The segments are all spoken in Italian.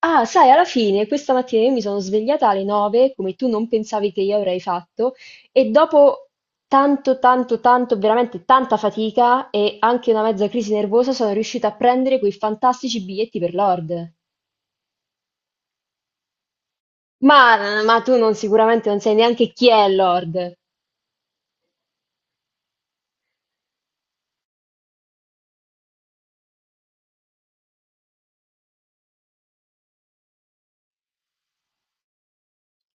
Ah, sai, alla fine questa mattina io mi sono svegliata alle 9, come tu non pensavi che io avrei fatto, e dopo tanto, tanto, tanto, veramente tanta fatica e anche una mezza crisi nervosa sono riuscita a prendere quei fantastici biglietti per Lord. Ma tu non sicuramente non sai neanche chi è Lord.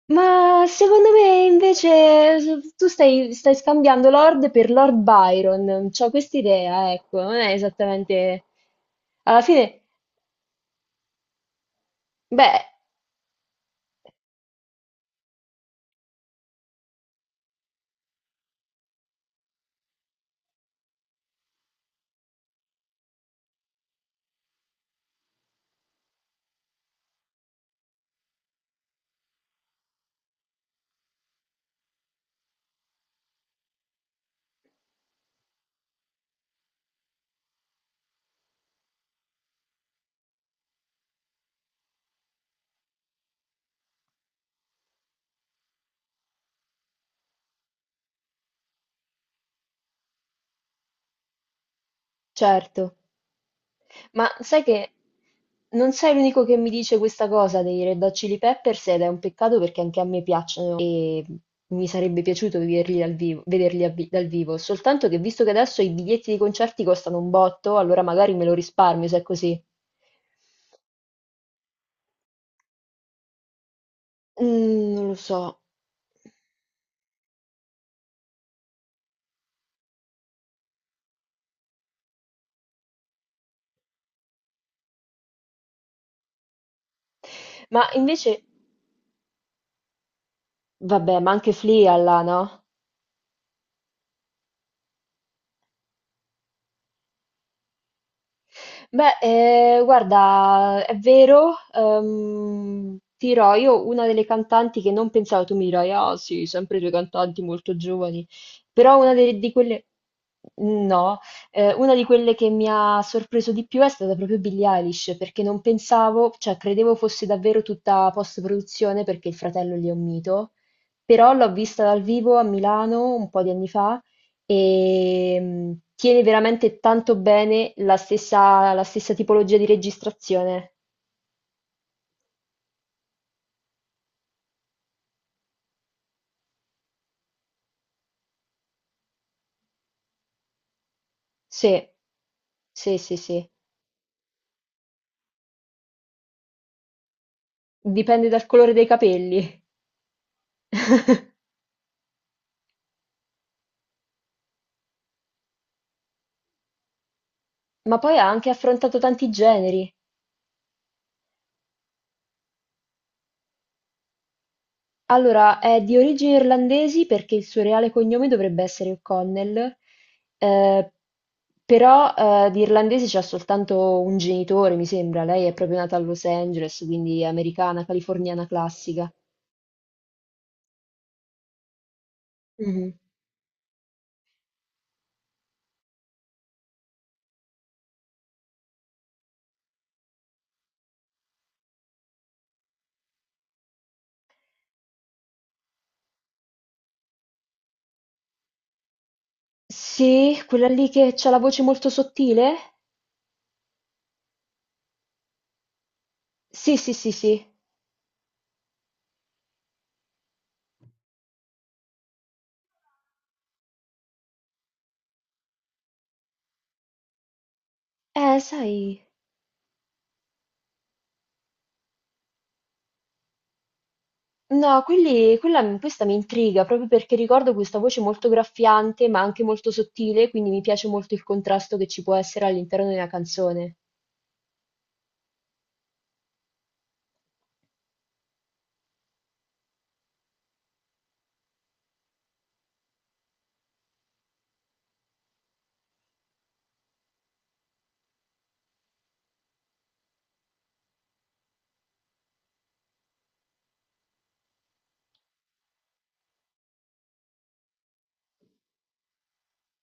Ma secondo me invece tu stai scambiando Lord per Lord Byron. C'ho quest'idea, ecco, non è esattamente... Alla fine, beh, certo. Ma sai che non sei l'unico che mi dice questa cosa dei Red Hot Chili Peppers ed è un peccato perché anche a me piacciono e mi sarebbe piaciuto vederli dal vivo, vederli dal vivo, soltanto che visto che adesso i biglietti dei concerti costano un botto, allora magari me lo risparmio se è così. Mm, non lo so. Ma invece, vabbè, ma anche Flea là, no? Beh, guarda, è vero, ti dirò, io una delle cantanti che non pensavo, tu mi dirai, ah sì, sempre due cantanti molto giovani, però una di quelle, no, una di quelle che mi ha sorpreso di più è stata proprio Billie Eilish, perché non pensavo, cioè credevo fosse davvero tutta post-produzione perché il fratello lì è un mito, però l'ho vista dal vivo a Milano un po' di anni fa e tiene veramente tanto bene la stessa tipologia di registrazione. Sì, sì, sì, sì. Dipende dal colore dei capelli. Ma poi ha anche affrontato tanti generi. Allora, è di origini irlandesi perché il suo reale cognome dovrebbe essere O'Connell, eh, però di irlandesi c'ha soltanto un genitore, mi sembra. Lei è proprio nata a Los Angeles, quindi è americana, californiana classica. Sì, quella lì che c'ha la voce molto sottile? Sì, sì, sì, sì. Sai, no, quelli, quella, questa mi intriga proprio perché ricordo questa voce molto graffiante, ma anche molto sottile, quindi mi piace molto il contrasto che ci può essere all'interno di una canzone,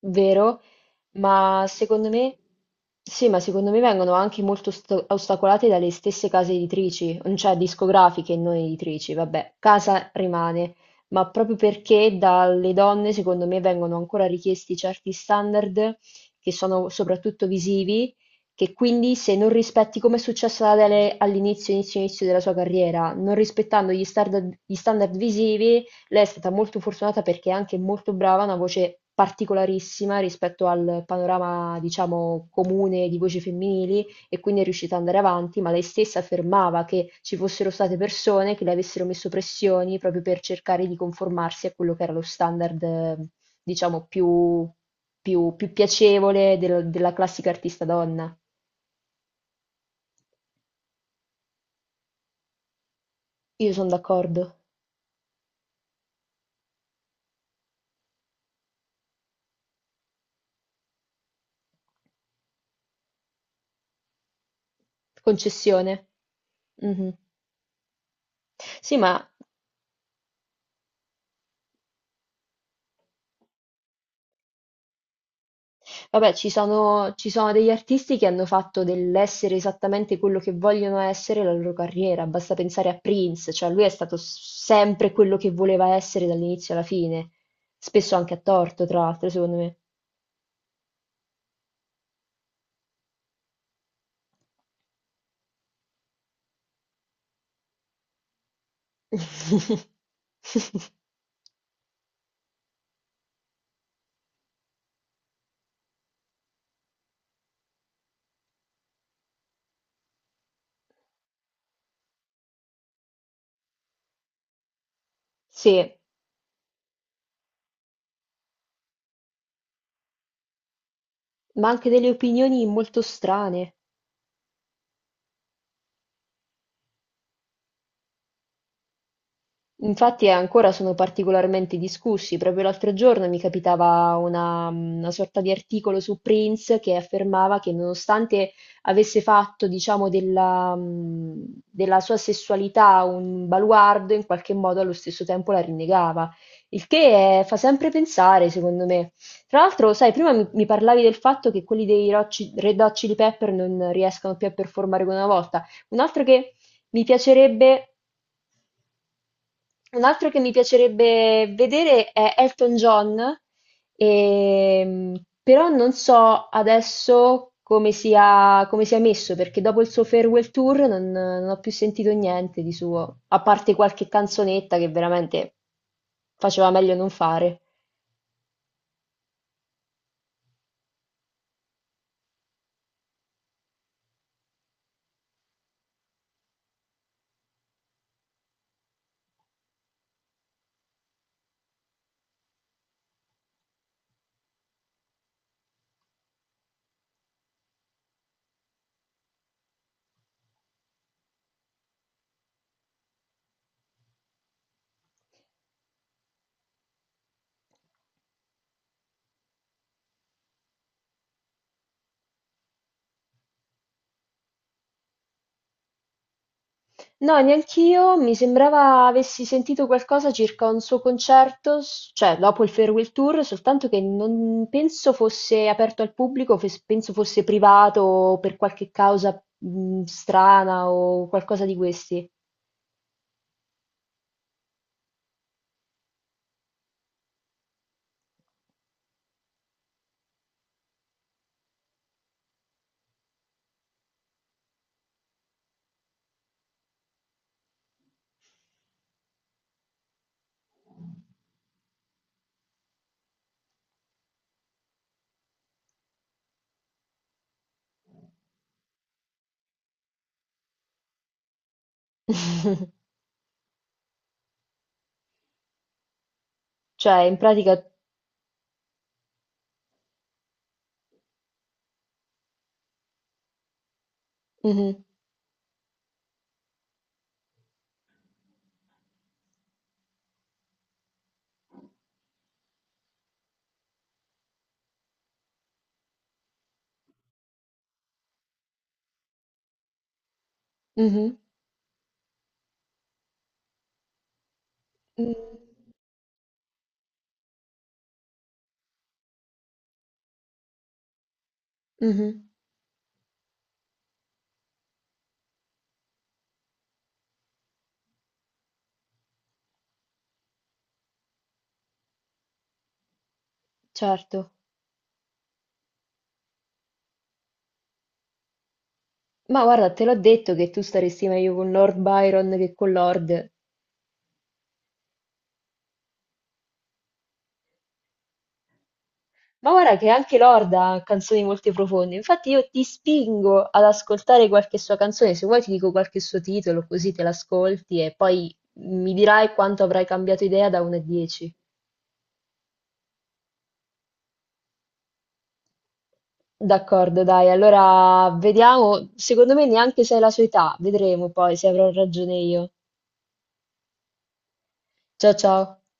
vero? Ma secondo me, sì, ma secondo me vengono anche molto ostacolate dalle stesse case editrici, non cioè discografiche, e non editrici, vabbè, casa rimane, ma proprio perché dalle donne, secondo me, vengono ancora richiesti certi standard che sono soprattutto visivi, che quindi se non rispetti, come è successo ad Adele all'inizio della sua carriera, non rispettando gli standard visivi, lei è stata molto fortunata perché è anche molto brava, ha una voce particolarissima rispetto al panorama, diciamo, comune di voci femminili e quindi è riuscita ad andare avanti, ma lei stessa affermava che ci fossero state persone che le avessero messo pressioni proprio per cercare di conformarsi a quello che era lo standard, diciamo, più, più piacevole della classica artista donna. Io sono d'accordo. Concessione. Mhm. Sì, ma vabbè, ci sono degli artisti che hanno fatto dell'essere esattamente quello che vogliono essere la loro carriera. Basta pensare a Prince, cioè lui è stato sempre quello che voleva essere dall'inizio alla fine, spesso anche a torto, tra l'altro, secondo me. Sì, ma anche delle opinioni molto strane. Infatti ancora sono particolarmente discussi. Proprio l'altro giorno mi capitava una sorta di articolo su Prince che affermava che nonostante avesse fatto, diciamo, della, della sua sessualità un baluardo, in qualche modo allo stesso tempo la rinnegava. Il che fa sempre pensare, secondo me. Tra l'altro, sai, prima mi parlavi del fatto che quelli dei Red Hot Chili Pepper non riescano più a performare come una volta. Un altro che mi piacerebbe un altro che mi piacerebbe vedere è Elton John, però non so adesso come sia messo, perché dopo il suo farewell tour non ho più sentito niente di suo, a parte qualche canzonetta che veramente faceva meglio non fare. No, neanch'io, mi sembrava avessi sentito qualcosa circa un suo concerto, cioè dopo il Farewell Tour, soltanto che non penso fosse aperto al pubblico, penso fosse privato o per qualche causa strana o qualcosa di questi. Cioè, in pratica... Mhm, mhm, mm, mhm, certo. Ma guarda, te l'ho detto che tu staresti meglio con Lord Byron che con Lord. Ma guarda che anche Lorda ha canzoni molto profonde, infatti io ti spingo ad ascoltare qualche sua canzone, se vuoi ti dico qualche suo titolo così te l'ascolti e poi mi dirai quanto avrai cambiato idea da 1 a 10. D'accordo, dai, allora vediamo, secondo me neanche sei la sua età, vedremo poi se avrò ragione io. Ciao, ciao.